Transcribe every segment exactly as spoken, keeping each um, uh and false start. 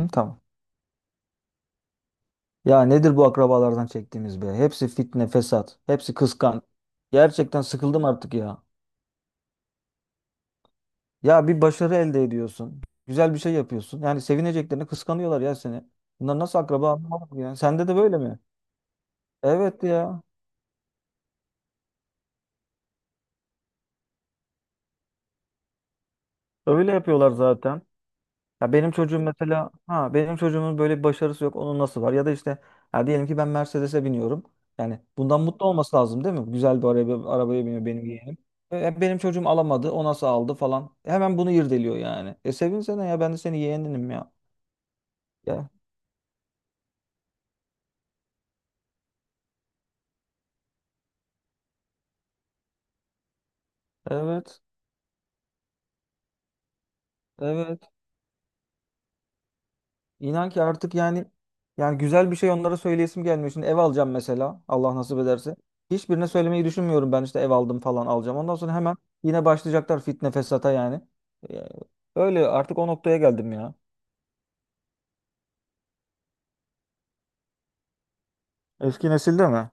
Hı, tamam. Ya nedir bu akrabalardan çektiğimiz be? Hepsi fitne, fesat. Hepsi kıskan. Gerçekten sıkıldım artık ya. Ya bir başarı elde ediyorsun. Güzel bir şey yapıyorsun. Yani sevineceklerini kıskanıyorlar ya seni. Bunlar nasıl akraba anlamadım ya. Sende de böyle mi? Evet ya. Öyle yapıyorlar zaten. Ya benim çocuğum mesela, ha benim çocuğumun böyle bir başarısı yok. Onun nasıl var? Ya da işte, ya diyelim ki ben Mercedes'e biniyorum. Yani bundan mutlu olması lazım değil mi? Güzel bir araba, arabaya biniyor benim yeğenim. E, benim çocuğum alamadı. O nasıl aldı falan. Hemen bunu irdeliyor yani. E sevinsene ya, ben de senin yeğeninim ya. Ya evet. Evet. İnan ki artık yani yani güzel bir şey onlara söyleyesim gelmiyor. Şimdi ev alacağım mesela, Allah nasip ederse. Hiçbirine söylemeyi düşünmüyorum ben, işte ev aldım falan, alacağım. Ondan sonra hemen yine başlayacaklar fitne fesata yani. Ee, Öyle artık o noktaya geldim ya. Eski nesilde mi?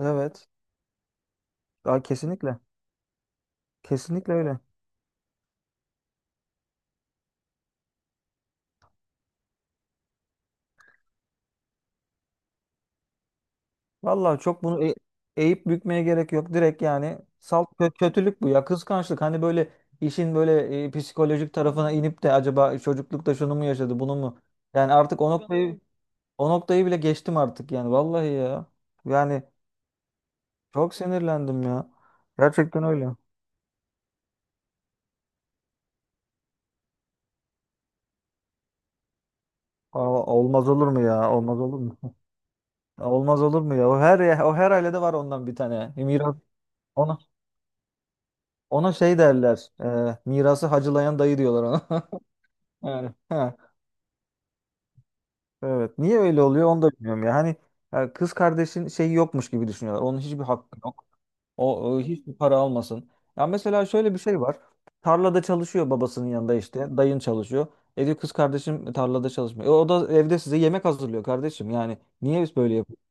Evet. Aa, kesinlikle. Kesinlikle öyle. Vallahi çok bunu e- eğip bükmeye gerek yok. Direkt yani salt kö- kötülük bu ya. Kıskançlık. Hani böyle, işin böyle e, psikolojik tarafına inip de acaba çocuklukta şunu mu yaşadı, bunu mu? Yani artık o noktayı O noktayı bile geçtim artık yani, vallahi ya. Yani çok sinirlendim ya. Gerçekten öyle. Aa, olmaz olur mu ya? Olmaz olur mu? Olmaz olur mu ya? O her o her ailede var ondan bir tane. Miras, ona ona şey derler. E, mirası hacılayan dayı diyorlar ona. Yani ha, evet. Niye öyle oluyor onu da bilmiyorum ya. Hani ya, kız kardeşin şeyi yokmuş gibi düşünüyorlar. Onun hiçbir hakkı yok. O e, hiçbir para almasın. Ya mesela şöyle bir şey var. Tarlada çalışıyor babasının yanında işte. Dayın çalışıyor. E, diyor, kız kardeşim tarlada çalışmıyor. E, o da evde size yemek hazırlıyor kardeşim. Yani niye biz böyle yapıyoruz?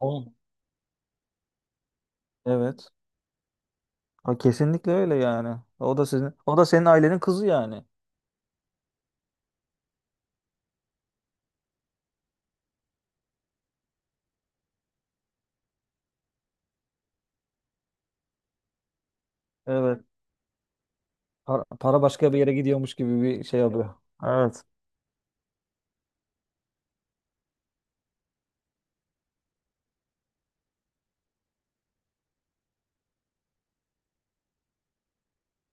Oğlum, evet. Ha, kesinlikle öyle yani. O da sizin, o da senin ailenin kızı yani. Evet. Para, para başka bir yere gidiyormuş gibi bir şey oluyor. Evet.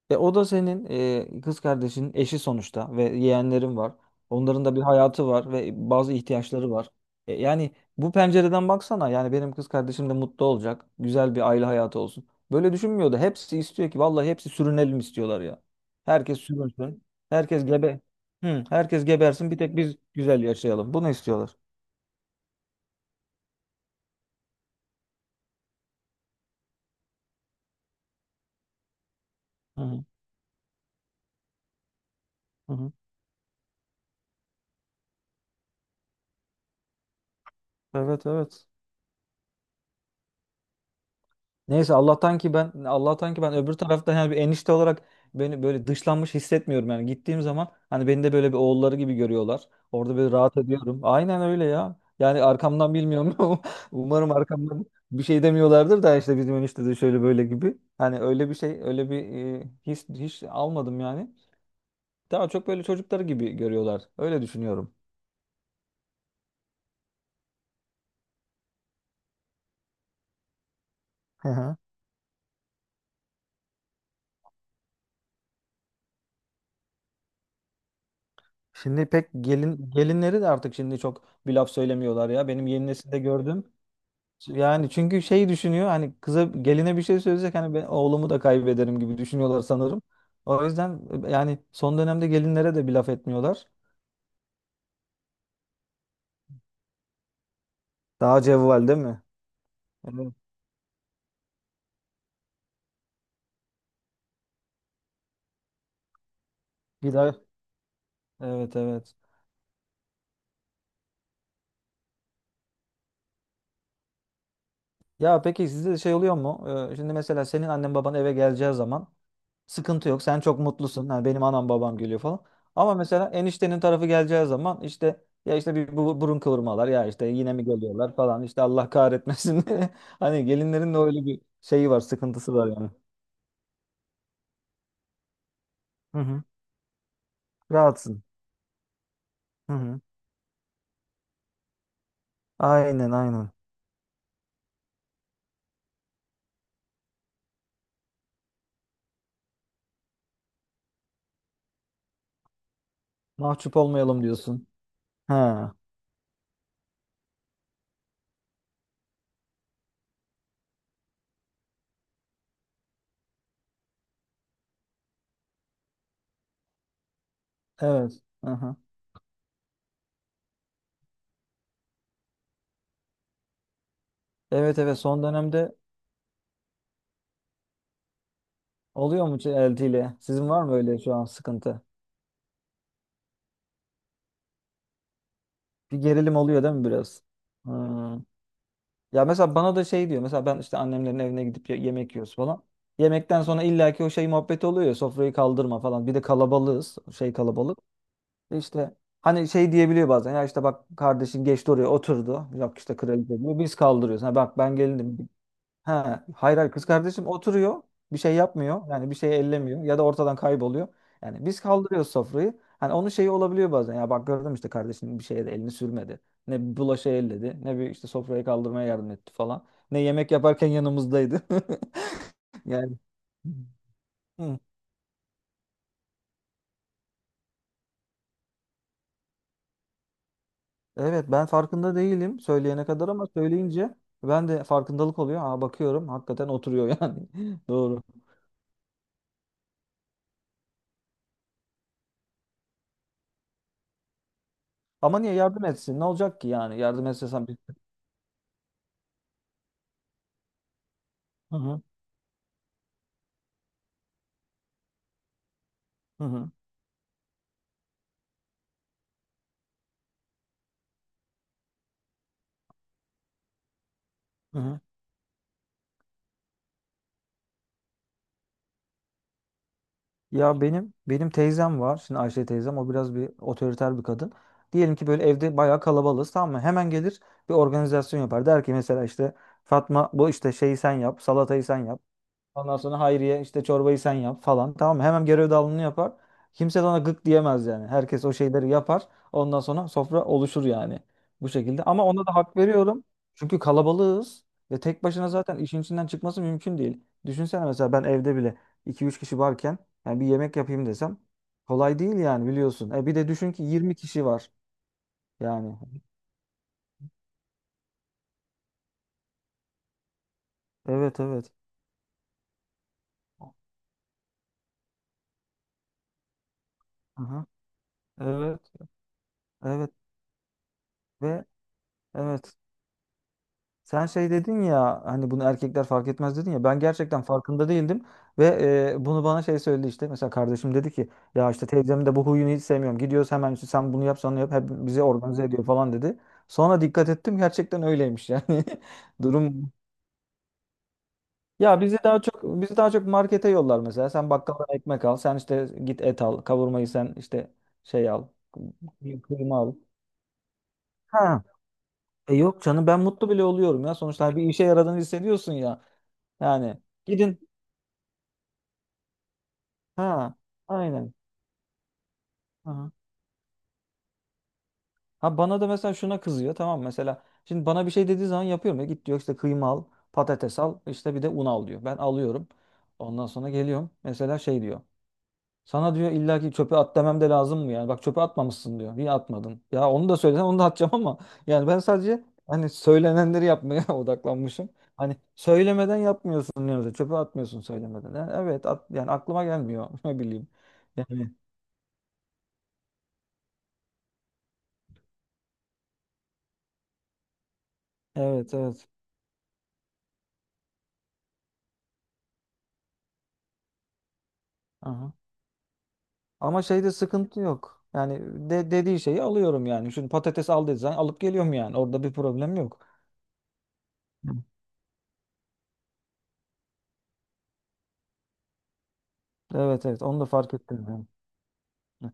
E, o da senin, e, kız kardeşinin eşi sonuçta ve yeğenlerin var. Onların da bir hayatı var ve bazı ihtiyaçları var. E, yani bu pencereden baksana, yani benim kız kardeşim de mutlu olacak. Güzel bir aile hayatı olsun. Böyle düşünmüyordu. Hepsi istiyor ki, vallahi hepsi sürünelim istiyorlar ya. Herkes sürünsün. Herkes gebe. Hı, herkes gebersin. Bir tek biz güzel yaşayalım. Bunu istiyorlar. Hı hı. Hı hı. Evet, evet. Neyse, Allah'tan ki ben Allah'tan ki ben öbür tarafta, yani bir enişte olarak beni böyle dışlanmış hissetmiyorum yani, gittiğim zaman hani beni de böyle bir oğulları gibi görüyorlar. Orada böyle rahat ediyorum. Aynen öyle ya. Yani arkamdan bilmiyorum. Umarım arkamdan bir şey demiyorlardır da, işte bizim enişte de şöyle böyle gibi. Hani öyle bir şey, öyle bir e, his hiç almadım yani. Daha çok böyle çocukları gibi görüyorlar. Öyle düşünüyorum. Hı hı. Şimdi pek gelin gelinleri de artık şimdi çok bir laf söylemiyorlar ya. Benim yeni nesilde gördüm. Yani çünkü şey düşünüyor, hani kıza, geline bir şey söylesek, hani ben oğlumu da kaybederim gibi düşünüyorlar sanırım. O yüzden e, yani son dönemde gelinlere de bir laf etmiyorlar. Daha cevval değil mi? Evet. Bir daha evet, evet. Ya peki sizde de şey oluyor mu? Ee, şimdi mesela senin annen baban eve geleceği zaman sıkıntı yok. Sen çok mutlusun. Ha, benim anam babam geliyor falan. Ama mesela eniştenin tarafı geleceği zaman, işte ya, işte bir bu- burun kıvırmalar ya, işte yine mi geliyorlar falan, işte Allah kahretmesin. Hani gelinlerin de öyle bir şeyi var, sıkıntısı var yani. Hı hı. Rahatsın. Hı hı. Aynen, aynen. Mahcup olmayalım diyorsun. Ha, evet. Hı hı. Evet, evet, son dönemde oluyor mu eltiyle? Sizin var mı öyle şu an sıkıntı? Bir gerilim oluyor değil mi biraz? Ha. Ya mesela bana da şey diyor. Mesela ben işte annemlerin evine gidip ye- yemek yiyoruz falan. Yemekten sonra illaki o şey muhabbeti oluyor ya, sofrayı kaldırma falan. Bir de kalabalığız. Şey kalabalık. E İşte hani şey diyebiliyor bazen. Ya işte bak, kardeşin geçti oraya oturdu. Yok işte kraliçe, diyor. Biz kaldırıyoruz. Ha bak, ben gelindim. Ha, hayır, hayır, kız kardeşim oturuyor. Bir şey yapmıyor. Yani bir şey ellemiyor ya da ortadan kayboluyor. Yani biz kaldırıyoruz sofrayı. Hani onun şeyi olabiliyor bazen. Ya bak gördüm işte, kardeşinin bir şeye de elini sürmedi. Ne bir bulaşı elledi. Ne bir işte sofrayı kaldırmaya yardım etti falan. Ne yemek yaparken yanımızdaydı. Yani. Hı. Evet, ben farkında değilim söyleyene kadar, ama söyleyince ben de farkındalık oluyor. Aa, bakıyorum hakikaten oturuyor yani. Doğru. Ama niye yardım etsin? Ne olacak ki yani? Yardım etse sen bir... Hı hı. Hı hı. Hı hı. Ya benim benim teyzem var. Şimdi Ayşe teyzem, o biraz bir otoriter bir kadın. Diyelim ki böyle evde bayağı kalabalığız, tamam mı? Hemen gelir, bir organizasyon yapar. Der ki mesela, işte Fatma, bu işte şeyi sen yap, salatayı sen yap. Ondan sonra Hayriye, işte çorbayı sen yap falan. Tamam mı? Hemen görev dağılımını yapar. Kimse de ona gık diyemez yani. Herkes o şeyleri yapar. Ondan sonra sofra oluşur yani. Bu şekilde. Ama ona da hak veriyorum. Çünkü kalabalığız. Ve tek başına zaten işin içinden çıkması mümkün değil. Düşünsene, mesela ben evde bile iki üç kişi varken, yani bir yemek yapayım desem kolay değil yani, biliyorsun. E bir de düşün ki yirmi kişi var yani. Evet, evet. Aha. Evet, evet ve evet. Sen şey dedin ya, hani bunu erkekler fark etmez dedin ya, ben gerçekten farkında değildim ve e, bunu bana şey söyledi işte, mesela kardeşim dedi ki ya işte, teyzemin de bu huyunu hiç sevmiyorum, gidiyoruz hemen işte sen bunu yap, sen onu yap, hep bizi organize ediyor falan, dedi. Sonra dikkat ettim, gerçekten öyleymiş yani, durum. Ya bizi daha çok bizi daha çok markete yollar, mesela sen bakkaldan ekmek al, sen işte git et al, kavurmayı sen, işte şey al, kıyma al. Ha. E yok canım, ben mutlu bile oluyorum ya, sonuçta bir işe yaradığını hissediyorsun ya yani. Gidin. Ha, aynen. Aha. Ha, bana da mesela şuna kızıyor, tamam mı? Mesela, şimdi bana bir şey dediği zaman yapıyorum ya, git diyor, işte kıyma al, patates al, işte bir de un al, diyor. Ben alıyorum. Ondan sonra geliyorum. Mesela şey diyor. Sana diyor, illa ki çöpe at demem de lazım mı yani? Bak çöpe atmamışsın, diyor. Niye atmadın? Ya onu da söylesen onu da atacağım ama yani ben sadece hani söylenenleri yapmaya odaklanmışım. Hani söylemeden yapmıyorsun diyor mesela. Çöpe atmıyorsun söylemeden. Yani evet, at, yani aklıma gelmiyor. Ne bileyim. Yani, evet, evet. Aha. Ama şeyde sıkıntı yok. Yani de, dediği şeyi alıyorum yani. Şimdi patates al dediği zaman alıp geliyorum yani. Orada bir problem yok. Hı. Evet, evet, onu da fark ettim ben. Hı.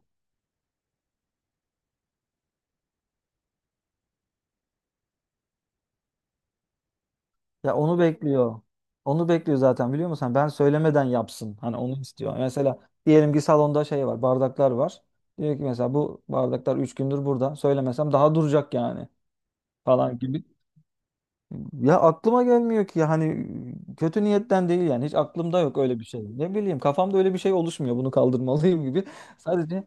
Ya onu bekliyor. Onu bekliyor zaten, biliyor musun? Hani ben söylemeden yapsın. Hani onu istiyor. Mesela diyelim ki salonda şey var, bardaklar var. Diyor ki mesela bu bardaklar üç gündür burada. Söylemesem daha duracak yani, falan gibi. Ya aklıma gelmiyor ki ya, hani kötü niyetten değil yani, hiç aklımda yok öyle bir şey. Ne bileyim, kafamda öyle bir şey oluşmuyor bunu kaldırmalıyım gibi. Sadece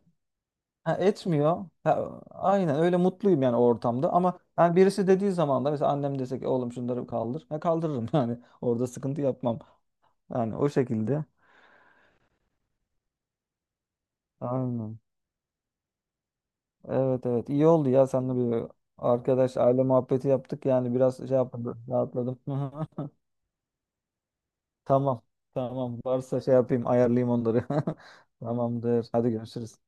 ha, etmiyor. Ha, aynen, öyle mutluyum yani o ortamda, ama yani birisi dediği zaman da, mesela annem dese ki oğlum şunları kaldır. Ya, kaldırırım yani orada sıkıntı yapmam. Yani o şekilde. Aynen. Evet, evet, iyi oldu ya seninle bir arkadaş aile muhabbeti yaptık yani, biraz şey yaptım, rahatladım. Tamam. Tamam. Varsa şey yapayım, ayarlayayım onları. Tamamdır. Hadi görüşürüz.